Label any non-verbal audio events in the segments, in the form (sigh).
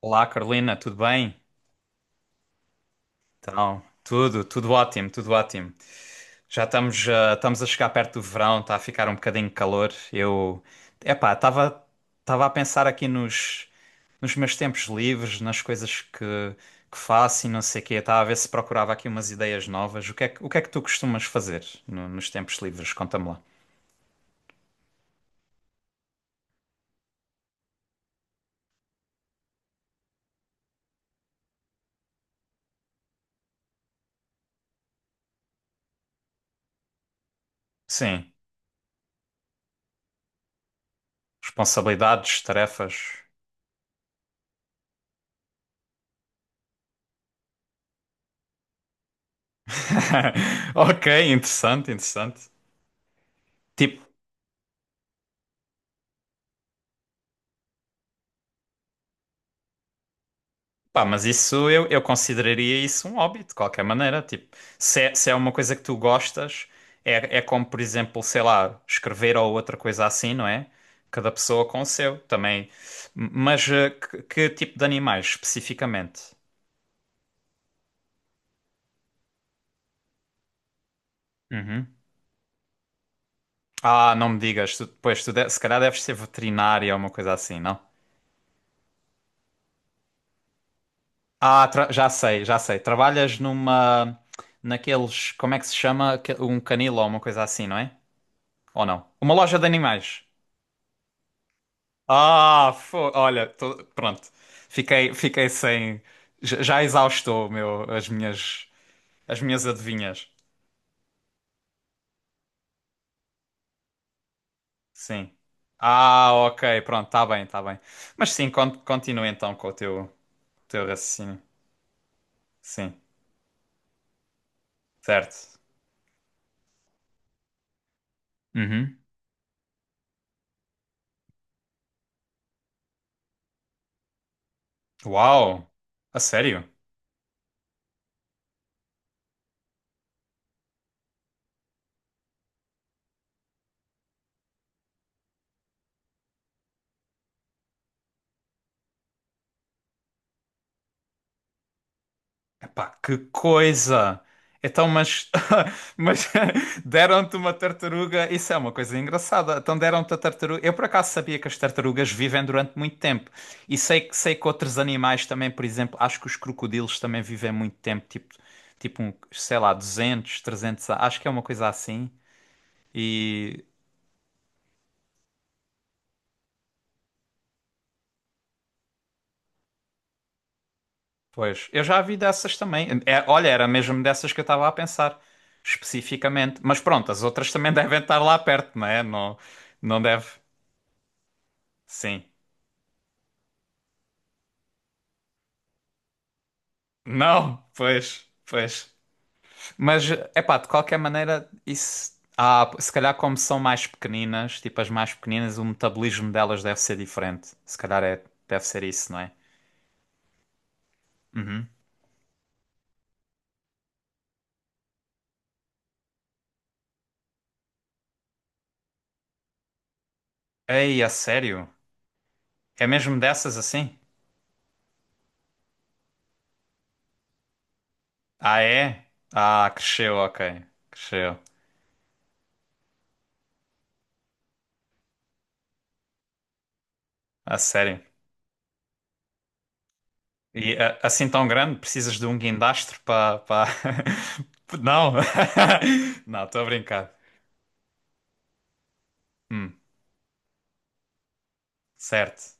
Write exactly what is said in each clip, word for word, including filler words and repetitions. Olá, Carolina, tudo bem? Então, tudo, tudo ótimo, tudo ótimo. Já estamos, ah, estamos a chegar perto do verão, está a ficar um bocadinho de calor. Eu, epá, estava, estava a pensar aqui nos, nos meus tempos livres, nas coisas que, que faço e não sei o quê. Estava a ver se procurava aqui umas ideias novas. O que é que, o que é que tu costumas fazer no- nos tempos livres? Conta-me lá. Sim, responsabilidades, tarefas. (laughs) Ok, interessante, interessante. Tipo, pá, mas isso eu, eu consideraria isso um hobby, de qualquer maneira. Tipo, se é, se é uma coisa que tu gostas, é, é como, por exemplo, sei lá, escrever ou outra coisa assim, não é? Cada pessoa com o seu também. M- Mas eh, que, que tipo de animais especificamente? Uhum. Ah, não me digas, tu, pois tu de- se calhar deves ser veterinária ou uma coisa assim, não? Ah, tra- já sei, já sei. Trabalhas numa, naqueles, como é que se chama? Que- Um canil ou uma coisa assim, não é? Ou não? Uma loja de animais. Ah, fo- olha, tô- pronto. Fiquei, fiquei sem. Já, já exaustou o meu, as minhas, as minhas adivinhas. Sim. Ah, ok, pronto, tá bem, tá bem. Mas sim, con- continua então com o teu, teu raciocínio. Sim, certo. Uhum. Uau, a sério? Pá, que coisa! Então, mas, (laughs) mas (laughs) deram-te uma tartaruga, isso é uma coisa engraçada. Então deram-te a tartaruga. Eu por acaso sabia que as tartarugas vivem durante muito tempo. E sei, que- sei que outros animais também, por exemplo, acho que os crocodilos também vivem muito tempo, tipo, tipo um, sei lá, duzentos trezentos a- acho que é uma coisa assim. E, pois, eu já vi dessas também. É, olha, era mesmo dessas que eu estava a pensar, especificamente. Mas pronto, as outras também (laughs) devem estar lá perto, não é? Não, não deve. Sim. Não, pois, pois. Mas, epá, de qualquer maneira, isso. Ah, se calhar como são mais pequeninas, tipo as mais pequeninas, o metabolismo delas deve ser diferente. Se calhar é, deve ser isso, não é? Uhum. Ei, a sério? É mesmo dessas assim? Ah, é? Ah, cresceu, ok. Cresceu. A sério. E a- assim tão grande, precisas de um guindastro para. Pa... pa- (laughs) Não! (laughs) Não, estou a brincar. Hum, certo.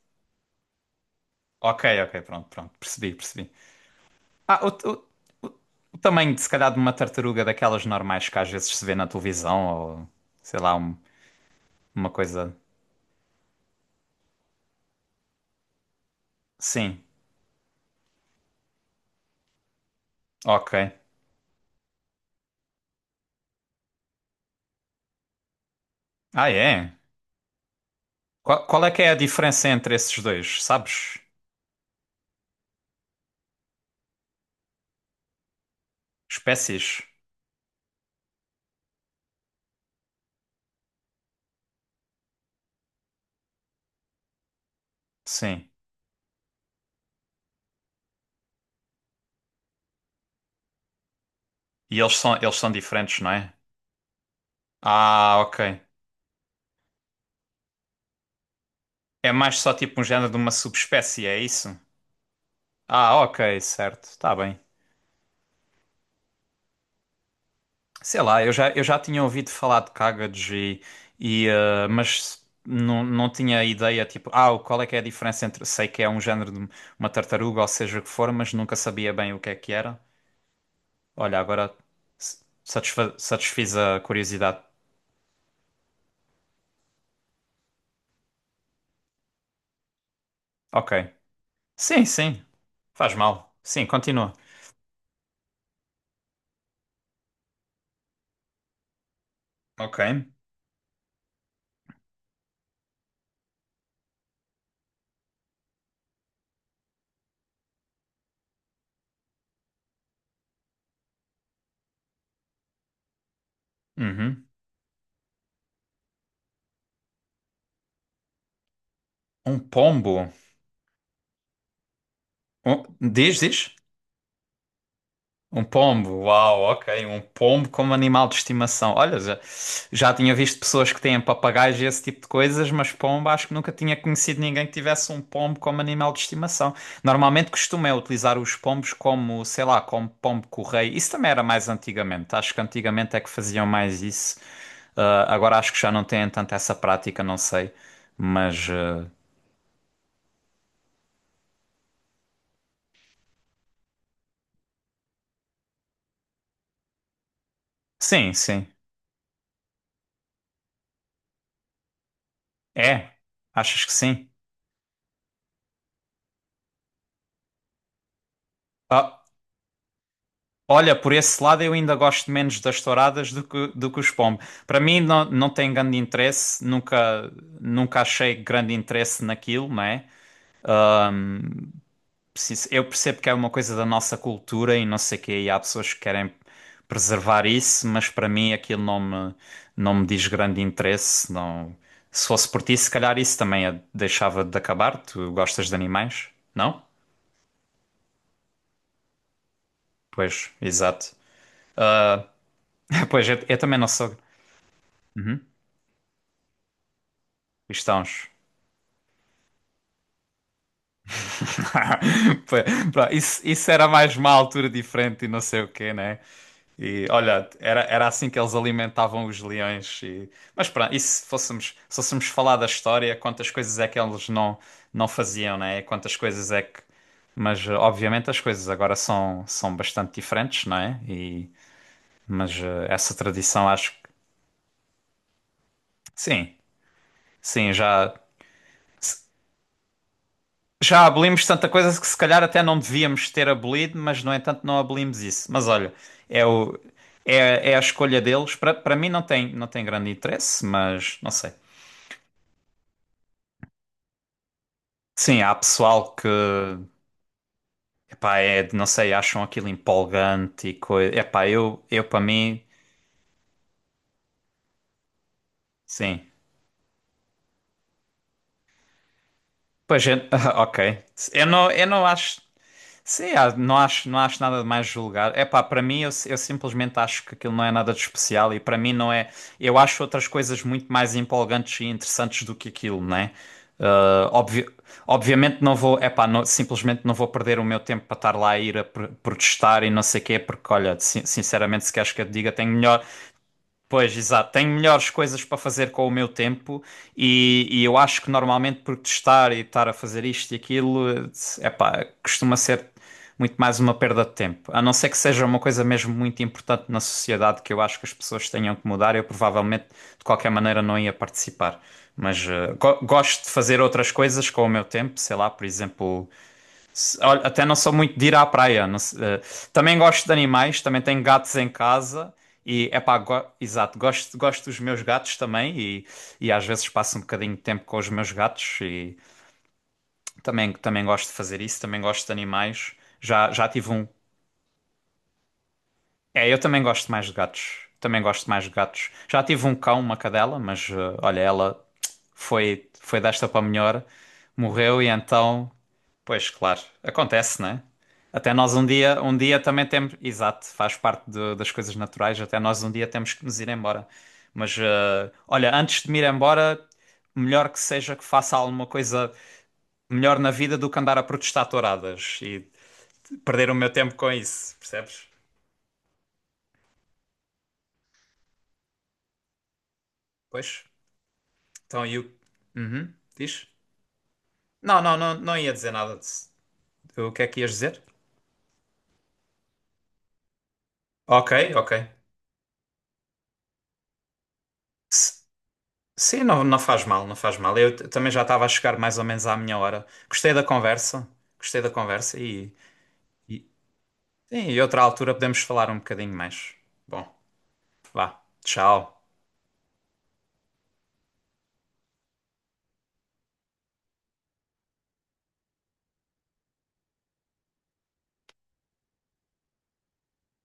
Ok, ok, pronto, pronto, percebi, percebi. Ah, o, o- o- o tamanho, de, se calhar, de uma tartaruga daquelas normais que às vezes se vê na televisão, ou sei lá, um- uma coisa. Sim, ok. Ah, é? Qual, qual é que é a diferença entre esses dois, sabes? Espécies? Sim. E eles são, eles são diferentes, não é? Ah, ok. É mais só tipo um género de uma subespécie, é isso? Ah, ok, certo, tá bem. Sei lá, eu já, eu já tinha ouvido falar de Kagged e, e, eh, mas não, não tinha ideia, tipo, ah, qual é que é a diferença entre, sei que é um género de uma tartaruga ou seja o que for, mas nunca sabia bem o que é que era. Olha, agora s- satisfa satisfiz a curiosidade. Ok. Sim, sim, faz mal. Sim, continua. Ok. Uhum. Um pombo. Um, diz, diz. Um pombo, uau, ok. Um pombo como animal de estimação. Olha, já, já tinha visto pessoas que têm papagaios e esse tipo de coisas, mas pombo acho que nunca tinha conhecido ninguém que tivesse um pombo como animal de estimação. Normalmente costuma é utilizar os pombos como, sei lá, como pombo-correio. Isso também era mais antigamente. Acho que antigamente é que faziam mais isso. Ah, agora acho que já não têm tanto essa prática, não sei. Mas ah, sim, sim. É, achas que sim? Ah. Olha, por esse lado eu ainda gosto menos das touradas do que, do que os pombos. Para mim não, não tem grande interesse, nunca, nunca achei grande interesse naquilo, não é? Preciso- Eu percebo que é uma coisa da nossa cultura e não sei o quê, e há pessoas que querem preservar isso, mas para mim aquilo não me, não me diz grande interesse. Não. Se fosse por ti, se calhar isso também a- deixava de acabar. Tu gostas de animais, não? Pois, exato. (laughs) Pois, eu, eu também não sou. Uhum, cristãos. (laughs) Pá, pá, Isso, isso era mais uma altura diferente e não sei o quê, né? E olha, era, era assim que eles alimentavam os leões. e- Mas pronto, e se fôssemos, se fôssemos falar da história, quantas coisas é que eles não, não faziam, né? Quantas coisas é que. Mas eh, obviamente as coisas agora são, são bastante diferentes, não é? E, mas eh, essa tradição acho que. Sim, sim, já. Já abolimos tanta coisa que se calhar até não devíamos ter abolido, mas no entanto não abolimos isso. Mas olha, é o, é, é a escolha deles. Para para mim não tem, não tem grande interesse, mas não sei. Sim, há pessoal que, epá, é, de- não sei, acham aquilo empolgante e coisa. Epá, eu, eu para mim, sim. Pois é, (laughs) ok. Eu não, eu não acho. Sim, ah, não acho, não acho nada de mais julgar. É pá, para mim, eu, eu simplesmente acho que aquilo não é nada de especial e para mim não é. Eu acho outras coisas muito mais empolgantes e interessantes do que aquilo, né? Ah, obvi- obviamente não vou, é pá, não- simplesmente não vou perder o meu tempo para estar lá a ir a pr- protestar e não sei o quê, porque olha, sin- sinceramente, se queres que eu te diga, tenho melhor, pois, exato. Tenho melhores coisas para fazer com o meu tempo e, e eu acho que normalmente protestar e estar a fazer isto e aquilo, é pá, costuma ser muito mais uma perda de tempo. A não ser que seja uma coisa mesmo muito importante na sociedade que eu acho que as pessoas tenham que mudar, eu provavelmente de qualquer maneira não ia participar. Mas eh, go- gosto de fazer outras coisas com o meu tempo, sei lá, por exemplo, se- olha, até não sou muito de ir à praia. não se- eh, também gosto de animais, também tenho gatos em casa e é pá, exato, gosto, gosto dos meus gatos também e, e às vezes passo um bocadinho de tempo com os meus gatos e também, também, gosto de fazer isso, também gosto de animais. Já, já tive um, é, eu também gosto mais de gatos. Também gosto mais de gatos. Já tive um cão, uma cadela, mas eh, olha, ela foi foi desta para melhor, morreu e então, pois claro, acontece, né? Até nós um dia, um dia também temos, exato, faz parte de- das coisas naturais, até nós um dia temos que nos ir embora. Mas eh, olha, antes de me ir embora, melhor que seja que faça alguma coisa melhor na vida do que andar a protestar touradas e perder o meu tempo com isso, percebes? Pois. Então, e o. Uhum, diz? Não, não, não, não ia dizer nada. De... O que é que ias dizer? Ok, ok. S- Sim, não, não faz mal, não faz mal. Eu t- também já estava a chegar mais ou menos à minha hora. Gostei da conversa, gostei da conversa e, e, sim, e outra altura podemos falar um bocadinho mais. Bom, vá, tchau.